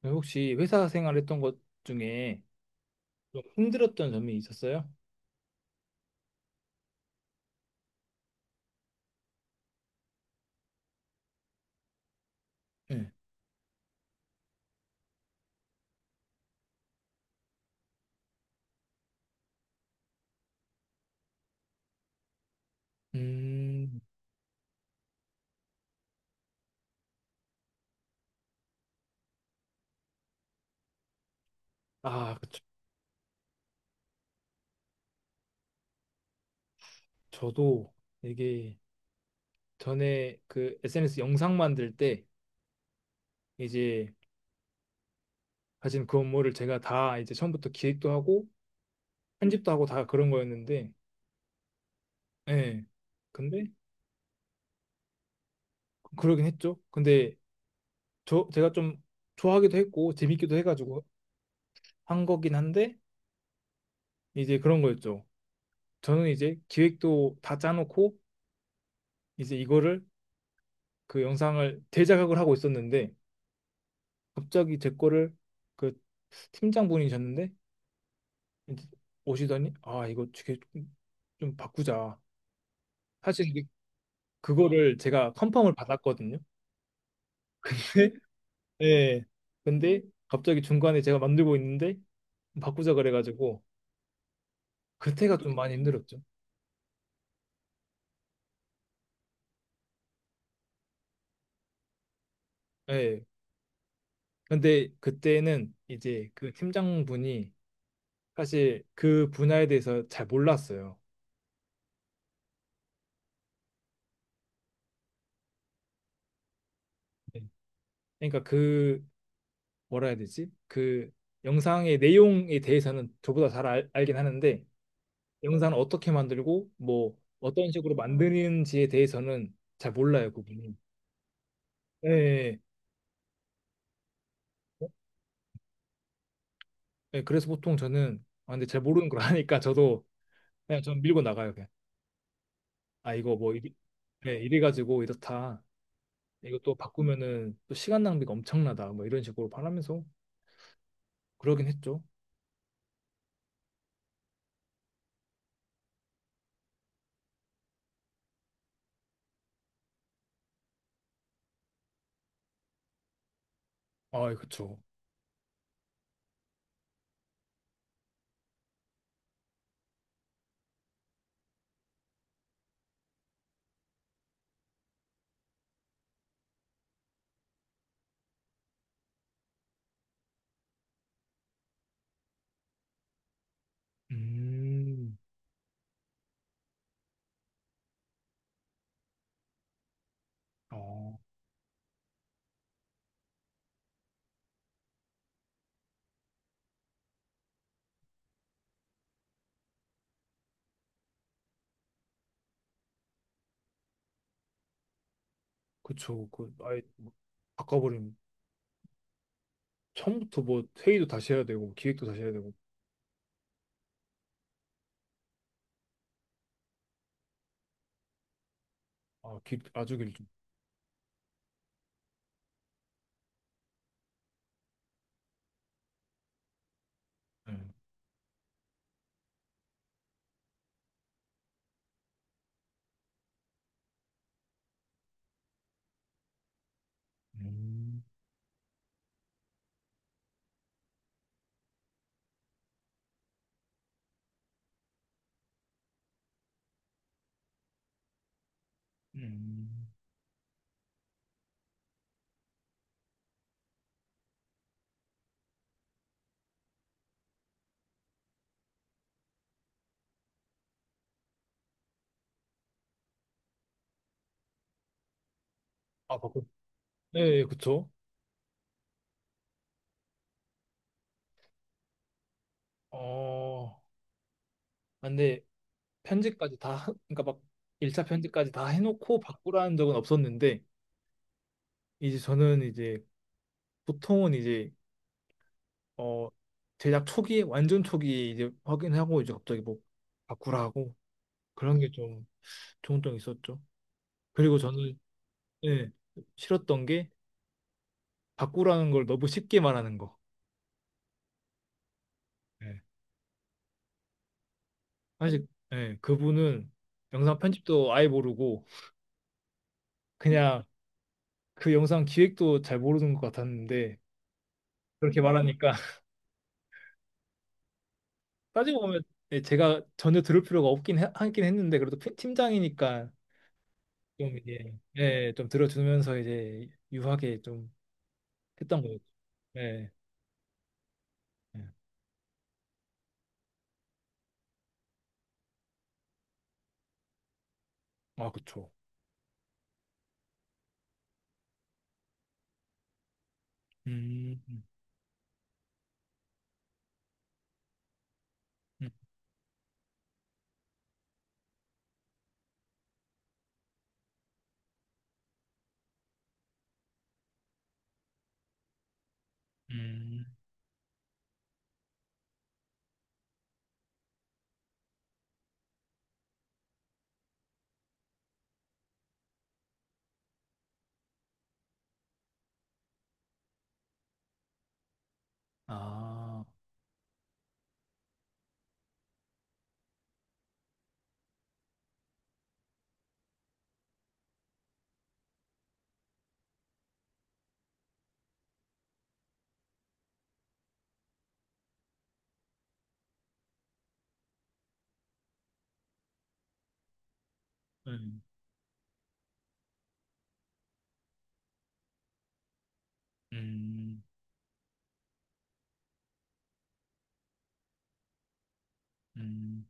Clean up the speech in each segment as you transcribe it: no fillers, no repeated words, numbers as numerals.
네, 혹시 회사 생활했던 것 중에 좀 힘들었던 점이 있었어요? 네. 음, 아, 그쵸. 저도 이게 전에 그 SNS 영상 만들 때 이제 가진 그 업무를 제가 다 이제 처음부터 기획도 하고 편집도 하고 다 그런 거였는데, 예. 근데 그러긴 했죠. 근데 제가 좀 좋아하기도 했고 재밌기도 해가지고 한 거긴 한데 이제 그런 거였죠. 저는 이제 기획도 다 짜놓고 이제 이거를 그 영상을 대작업을 하고 있었는데 갑자기 제 거를 그 팀장분이셨는데 이제 오시더니 아 이거 되게 좀좀 바꾸자. 사실 이게 그거를 제가 컨펌을 받았거든요. 예. 근데 갑자기 중간에 제가 만들고 있는데 바꾸자 그래가지고 그때가 좀 많이 힘들었죠. 예. 근데 그때는 이제 그 팀장분이 사실 그 분야에 대해서 잘 몰랐어요. 네. 그러니까 그 뭐라 해야 되지? 그 영상의 내용에 대해서는 저보다 잘 알긴 하는데 영상을 어떻게 만들고 뭐 어떤 식으로 만드는지에 대해서는 잘 몰라요, 그분이. 예. 예. 어? 예, 예, 그래서 보통 저는 아 근데 잘 모르는 걸 하니까 저도 그냥 전 밀고 나가요, 그냥. 아 이거 뭐 이리, 예, 이래 가지고 이렇다. 이거 또 바꾸면은 또 시간 낭비가 엄청나다. 뭐 이런 식으로 말하면서 그러긴 했죠. 아, 그쵸. 음. 어, 그쵸. 그 아예 뭐 바꿔버리면 처음부터 뭐 회의도 다시 해야 되고 기획도 다시 해야 되고 아, 아주 길죠. 네. 음, 음. 아, 바꿔. 네, 예, 그쵸. 어, 아, 근데 편집까지 다, 그러니까 막 1차 편집까지 다 해놓고 바꾸라는 적은 없었는데, 이제 저는 이제 보통은 이제, 어, 제작 초기에, 완전 초기에 이제 확인하고 이제 갑자기 뭐 바꾸라고 그런 게 좀 종종 있었죠. 그리고 저는, 예, 싫었던 게 바꾸라는 걸 너무 쉽게 말하는 거. 사실 예, 그분은 영상 편집도 아예 모르고 그냥 그 영상 기획도 잘 모르는 것 같았는데 그렇게 말하니까 따지고 보면 예, 제가 전혀 들을 필요가 없긴 하긴 했는데 그래도 팀장이니까 좀 이제 예, 좀 들어주면서 이제 유하게 좀 했던 거예요. 예. 예. 아, 그쵸. 음, 음, 음, 아, 음, 음, 음,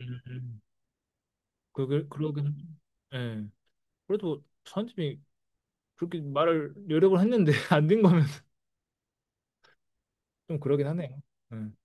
음. 그걸 그러긴, 예. 그래도 선집이 그렇게 말을 여러 번 했는데 안 된 거면 좀 그러긴 하네요. 음,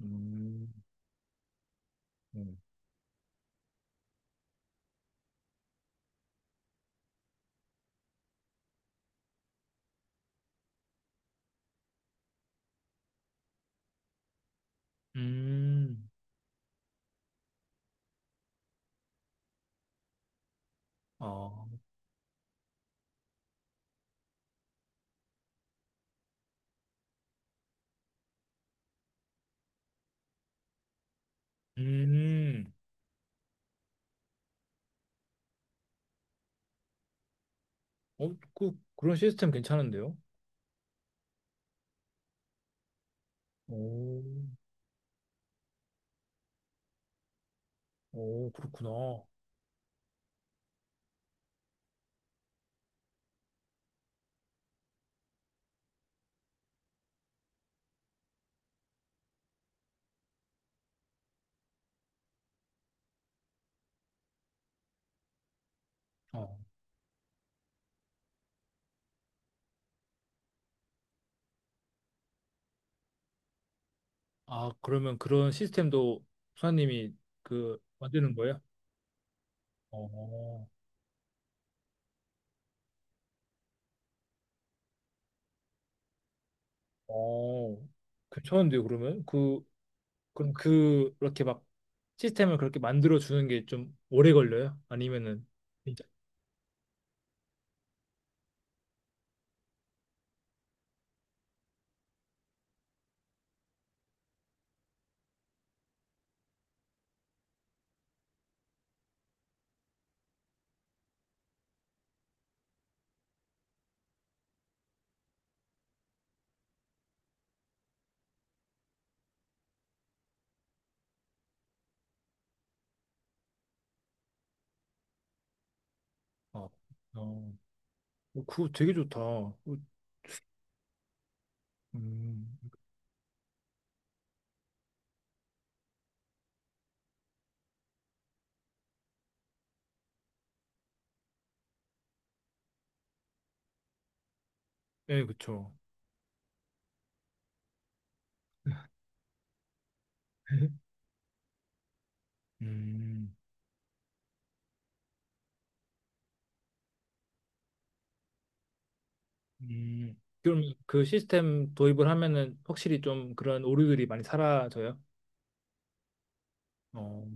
음, 음, 음, 아, 음, 어, 그런 시스템 괜찮은데요? 오, 오, 그렇구나. 어, 아, 그러면 그런 시스템도 수사님이 그 만드는 거예요? 어, 어, 괜찮은데요, 그러면? 그럼 그렇게 막 시스템을 그렇게 만들어 주는 게 좀 오래 걸려요? 아니면은, 진짜? 어, 어. 어, 그거 되게 좋다. 어, 음, 네, 그쵸. 음, 그럼 그 시스템 도입을 하면은 확실히 좀 그런 오류들이 많이 사라져요? 어,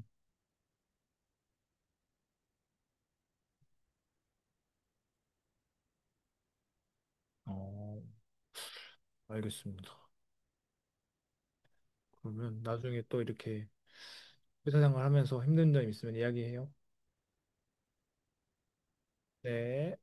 어, 알겠습니다. 그러면 나중에 또 이렇게 회사 생활하면서 힘든 점 있으면 이야기해요. 네.